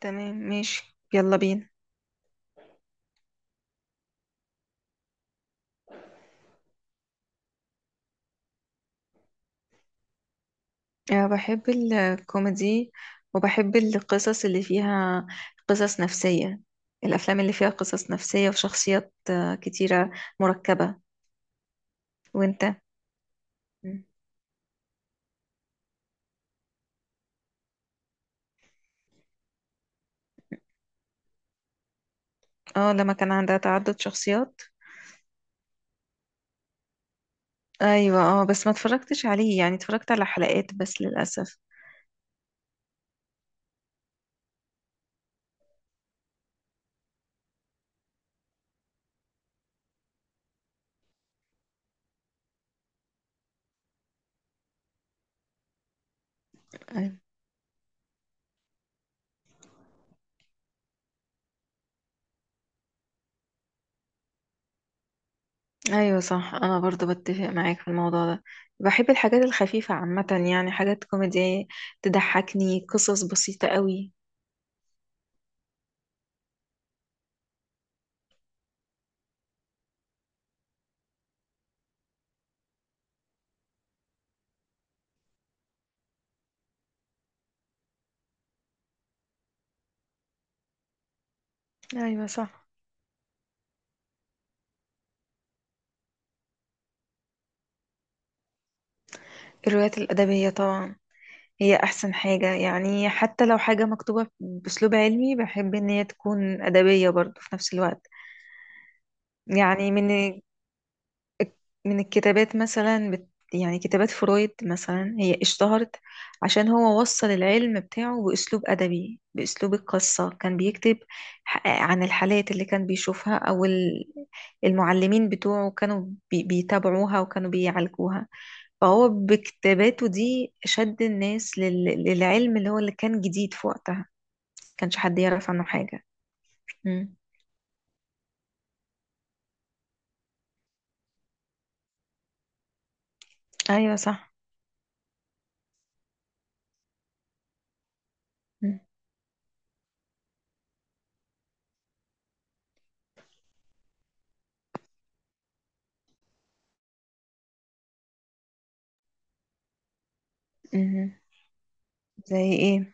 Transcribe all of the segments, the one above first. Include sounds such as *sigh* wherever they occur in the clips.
تمام، ماشي، يلا بينا. أه، بحب الكوميدي، وبحب القصص اللي فيها قصص نفسية. الأفلام اللي فيها قصص نفسية وشخصيات كتيرة، مركبة. وانت؟ مم. اه، لما كان عندها تعدد شخصيات. ايوه، اه، بس ما اتفرجتش عليه، يعني اتفرجت على حلقات بس للأسف. أيوة. ايوه صح، انا برضو بتفق معاك في الموضوع ده. بحب الحاجات الخفيفة عامة، يعني حاجات كوميدية تضحكني، قصص بسيطة قوي. ايوه صح. الروايات الأدبية طبعا، هي أحسن حاجة. يعني حتى لو حاجة مكتوبة بأسلوب علمي، بحب إن هي تكون أدبية برضو في نفس الوقت. يعني من الكتابات مثلا يعني كتابات فرويد مثلا، هي اشتهرت عشان هو وصل العلم بتاعه بأسلوب أدبي، بأسلوب القصة. كان بيكتب عن الحالات اللي كان بيشوفها، أو المعلمين بتوعه كانوا بيتابعوها وكانوا بيعالجوها. فهو بكتاباته دي شد الناس للعلم اللي هو اللي كان جديد في وقتها، كانش حد يعرف عنه حاجة. مم. أيوة صح. مم. مم. زي إيه؟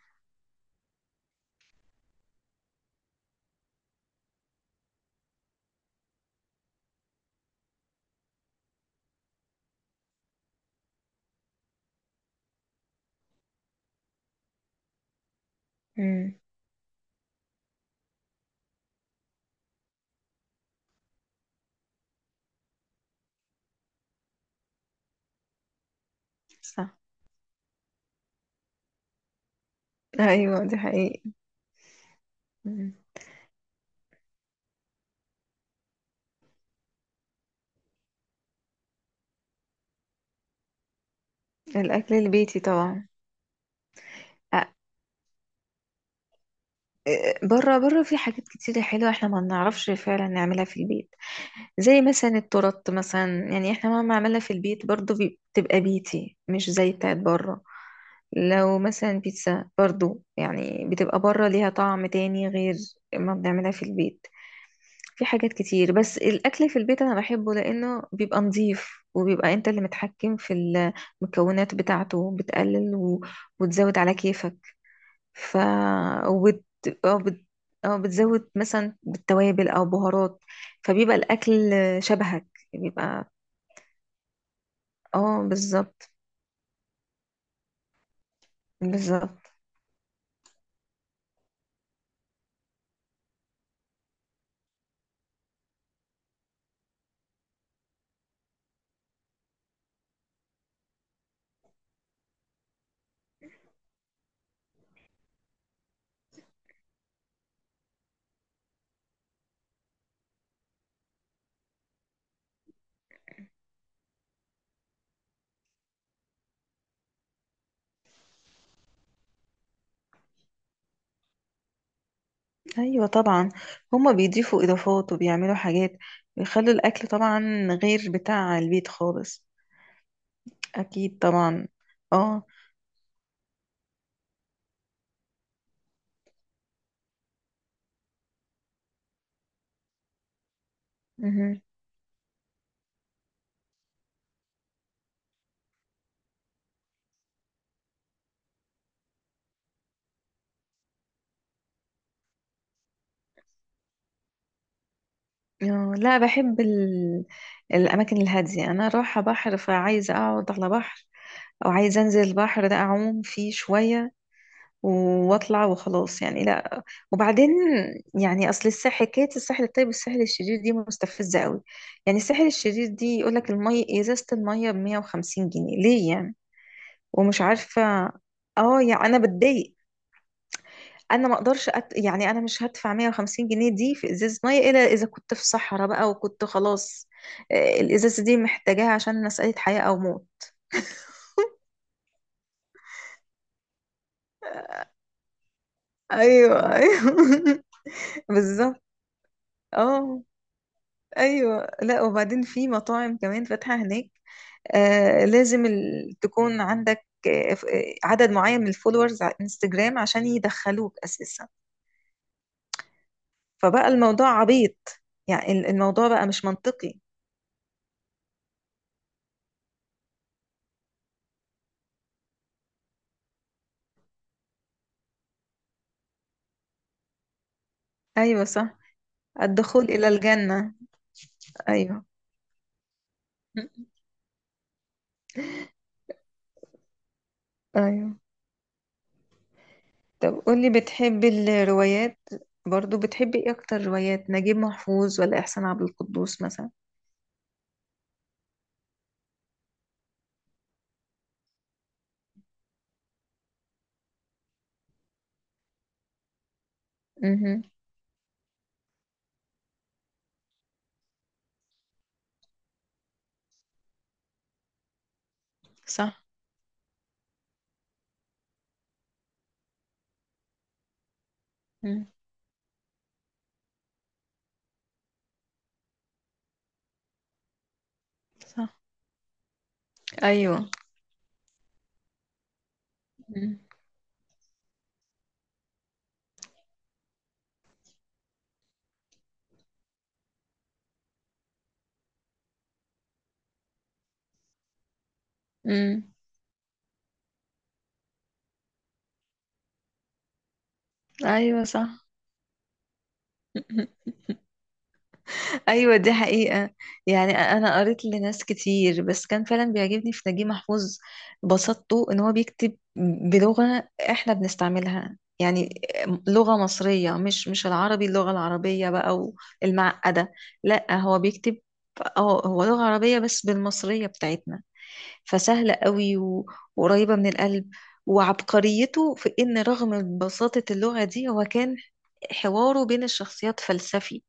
مم. صح. ايوه دي حقيقة. مم. الاكل البيتي طبعا. أ- بره، بره في حاجات كتيرة حلوة احنا ما بنعرفش فعلا نعملها في البيت. زي مثلا التورت مثلا، يعني احنا مهما عملنا في البيت برضو بتبقى بيتي، مش زي بتاعت بره. لو مثلا بيتزا برضو، يعني بتبقى بره ليها طعم تاني غير ما بنعملها في البيت. في حاجات كتير، بس الأكل في البيت أنا بحبه لأنه بيبقى نظيف، وبيبقى أنت اللي متحكم في المكونات بتاعته، بتقلل وتزود على كيفك. ف وبت... أو بت... أو بتزود مثلا بالتوابل أو بهارات، فبيبقى الأكل شبهك، بيبقى. اه بالظبط، بالظبط. ايوه طبعا، هما بيضيفوا اضافات وبيعملوا حاجات، بيخلوا الاكل طبعا غير بتاع البيت خالص. اكيد طبعا. اه. مهم. لا، بحب الأماكن الهادية. أنا رايحة بحر، فعايزة أقعد على بحر، أو عايزة أنزل البحر ده أعوم فيه شوية، وأطلع وخلاص يعني، لا. وبعدين يعني، أصل الساحل، حكاية الساحل الطيب والساحل الشرير دي مستفزة قوي. يعني الساحل الشرير دي يقولك المية، إزازة المية بمية وخمسين جنيه ليه يعني؟ ومش عارفة. اه يعني أنا بتضايق. انا ما اقدرش يعني انا مش هدفع 150 جنيه دي في ازازه ميه، الا اذا كنت في صحراء بقى وكنت خلاص، الازازه دي محتاجاها عشان مساله حياه او موت. ايوه ايوه. *laughs* بالظبط. اه. ايوه، لا وبعدين في مطاعم كمان فاتحه هناك، آه لازم تكون عندك عدد معين من الفولورز على انستجرام عشان يدخلوك اساسا. فبقى الموضوع عبيط، يعني الموضوع بقى مش منطقي. ايوه صح. الدخول الى الجنه. ايوه. ايوه طب قولي، بتحبي الروايات، برضو بتحبي ايه اكتر، روايات نجيب محفوظ ولا احسان عبد القدوس مثلا؟ امم. صح. مم. صح. ايوه. امم. ايوه صح. ايوه دي حقيقة. يعني انا قريت لناس كتير، بس كان فعلا بيعجبني في نجيب محفوظ بساطته. ان هو بيكتب بلغة احنا بنستعملها يعني، لغة مصرية، مش العربي، اللغة العربية بقى والمعقدة. لا هو بيكتب، اه هو لغة عربية بس بالمصرية بتاعتنا، فسهلة قوي وقريبة من القلب. وعبقريته في ان رغم بساطة اللغة دي، هو كان حواره بين الشخصيات فلسفي،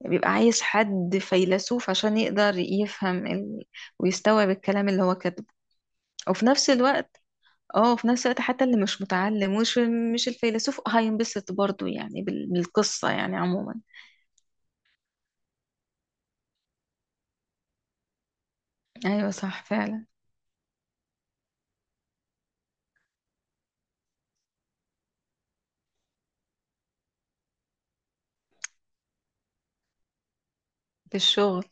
يعني بيبقى عايز حد فيلسوف عشان يقدر يفهم ويستوعب الكلام اللي هو كاتبه. وفي نفس الوقت، اه في نفس الوقت، حتى اللي مش متعلم ومش مش الفيلسوف هينبسط برضو يعني بالقصة يعني عموما. ايوه صح فعلا. بالشغل.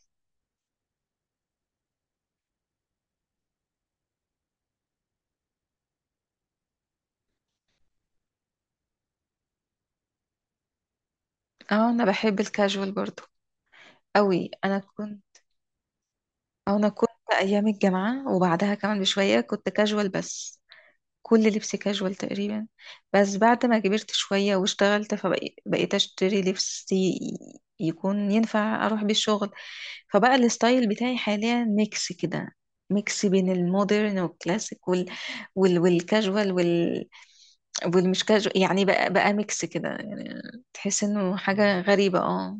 اه انا بحب الكاجوال برضو قوي. انا كنت، أو انا كنت ايام الجامعة وبعدها كمان بشوية كنت كاجوال بس، كل لبس كاجوال تقريبا. بس بعد ما كبرت شوية واشتغلت، فبقيت اشتري لبس يكون ينفع اروح بيه الشغل. فبقى الستايل بتاعي حاليا ميكس كده، ميكس بين المودرن والكلاسيك والكاجوال والمش كاجوال يعني، بقى ميكس كده يعني. تحس انه حاجة غريبة اه،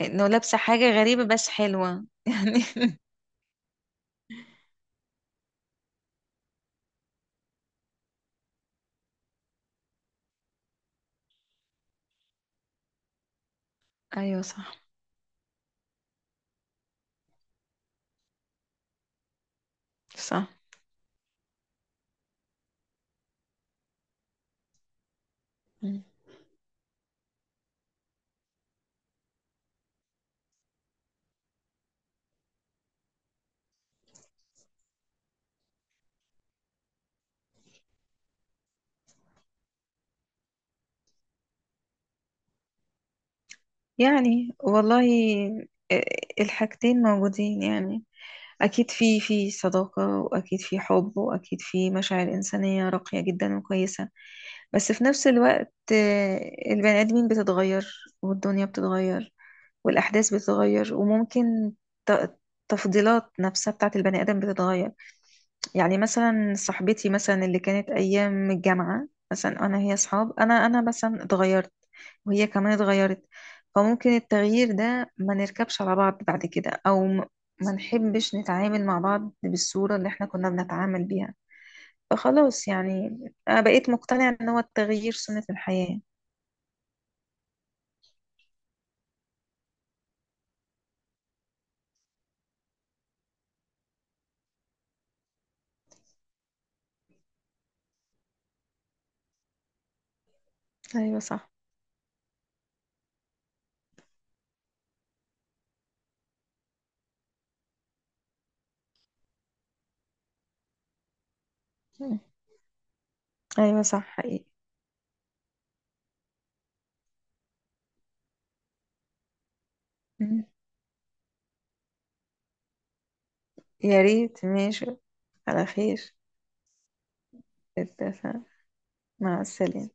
انه لابسة حاجة غريبة بس حلوة *laughs* يعني. ايوه صح. صح. يعني والله، آه، الحاجتين موجودين يعني. أكيد في في صداقة، وأكيد في حب، وأكيد في مشاعر إنسانية راقية جدا وكويسة. بس في نفس الوقت، البني آدمين بتتغير، والدنيا بتتغير، والأحداث بتتغير، وممكن ت- تفضيلات نفسها بتاعت البني آدم بتتغير. يعني مثلا صاحبتي مثلا اللي كانت ايام الجامعه مثلا انا، هي اصحاب، انا مثلا اتغيرت، وهي كمان اتغيرت. فممكن التغيير ده ما نركبش على بعض بعد كده، او ما نحبش نتعامل مع بعض بالصوره اللي احنا كنا بنتعامل بيها. فخلاص يعني، انا بقيت مقتنعه ان هو التغيير سنه الحياه. ايوه صح. مم. ايوه صح حقيقي. مم. يا ريت، ماشي، على خير. اتفق. مع السلامه.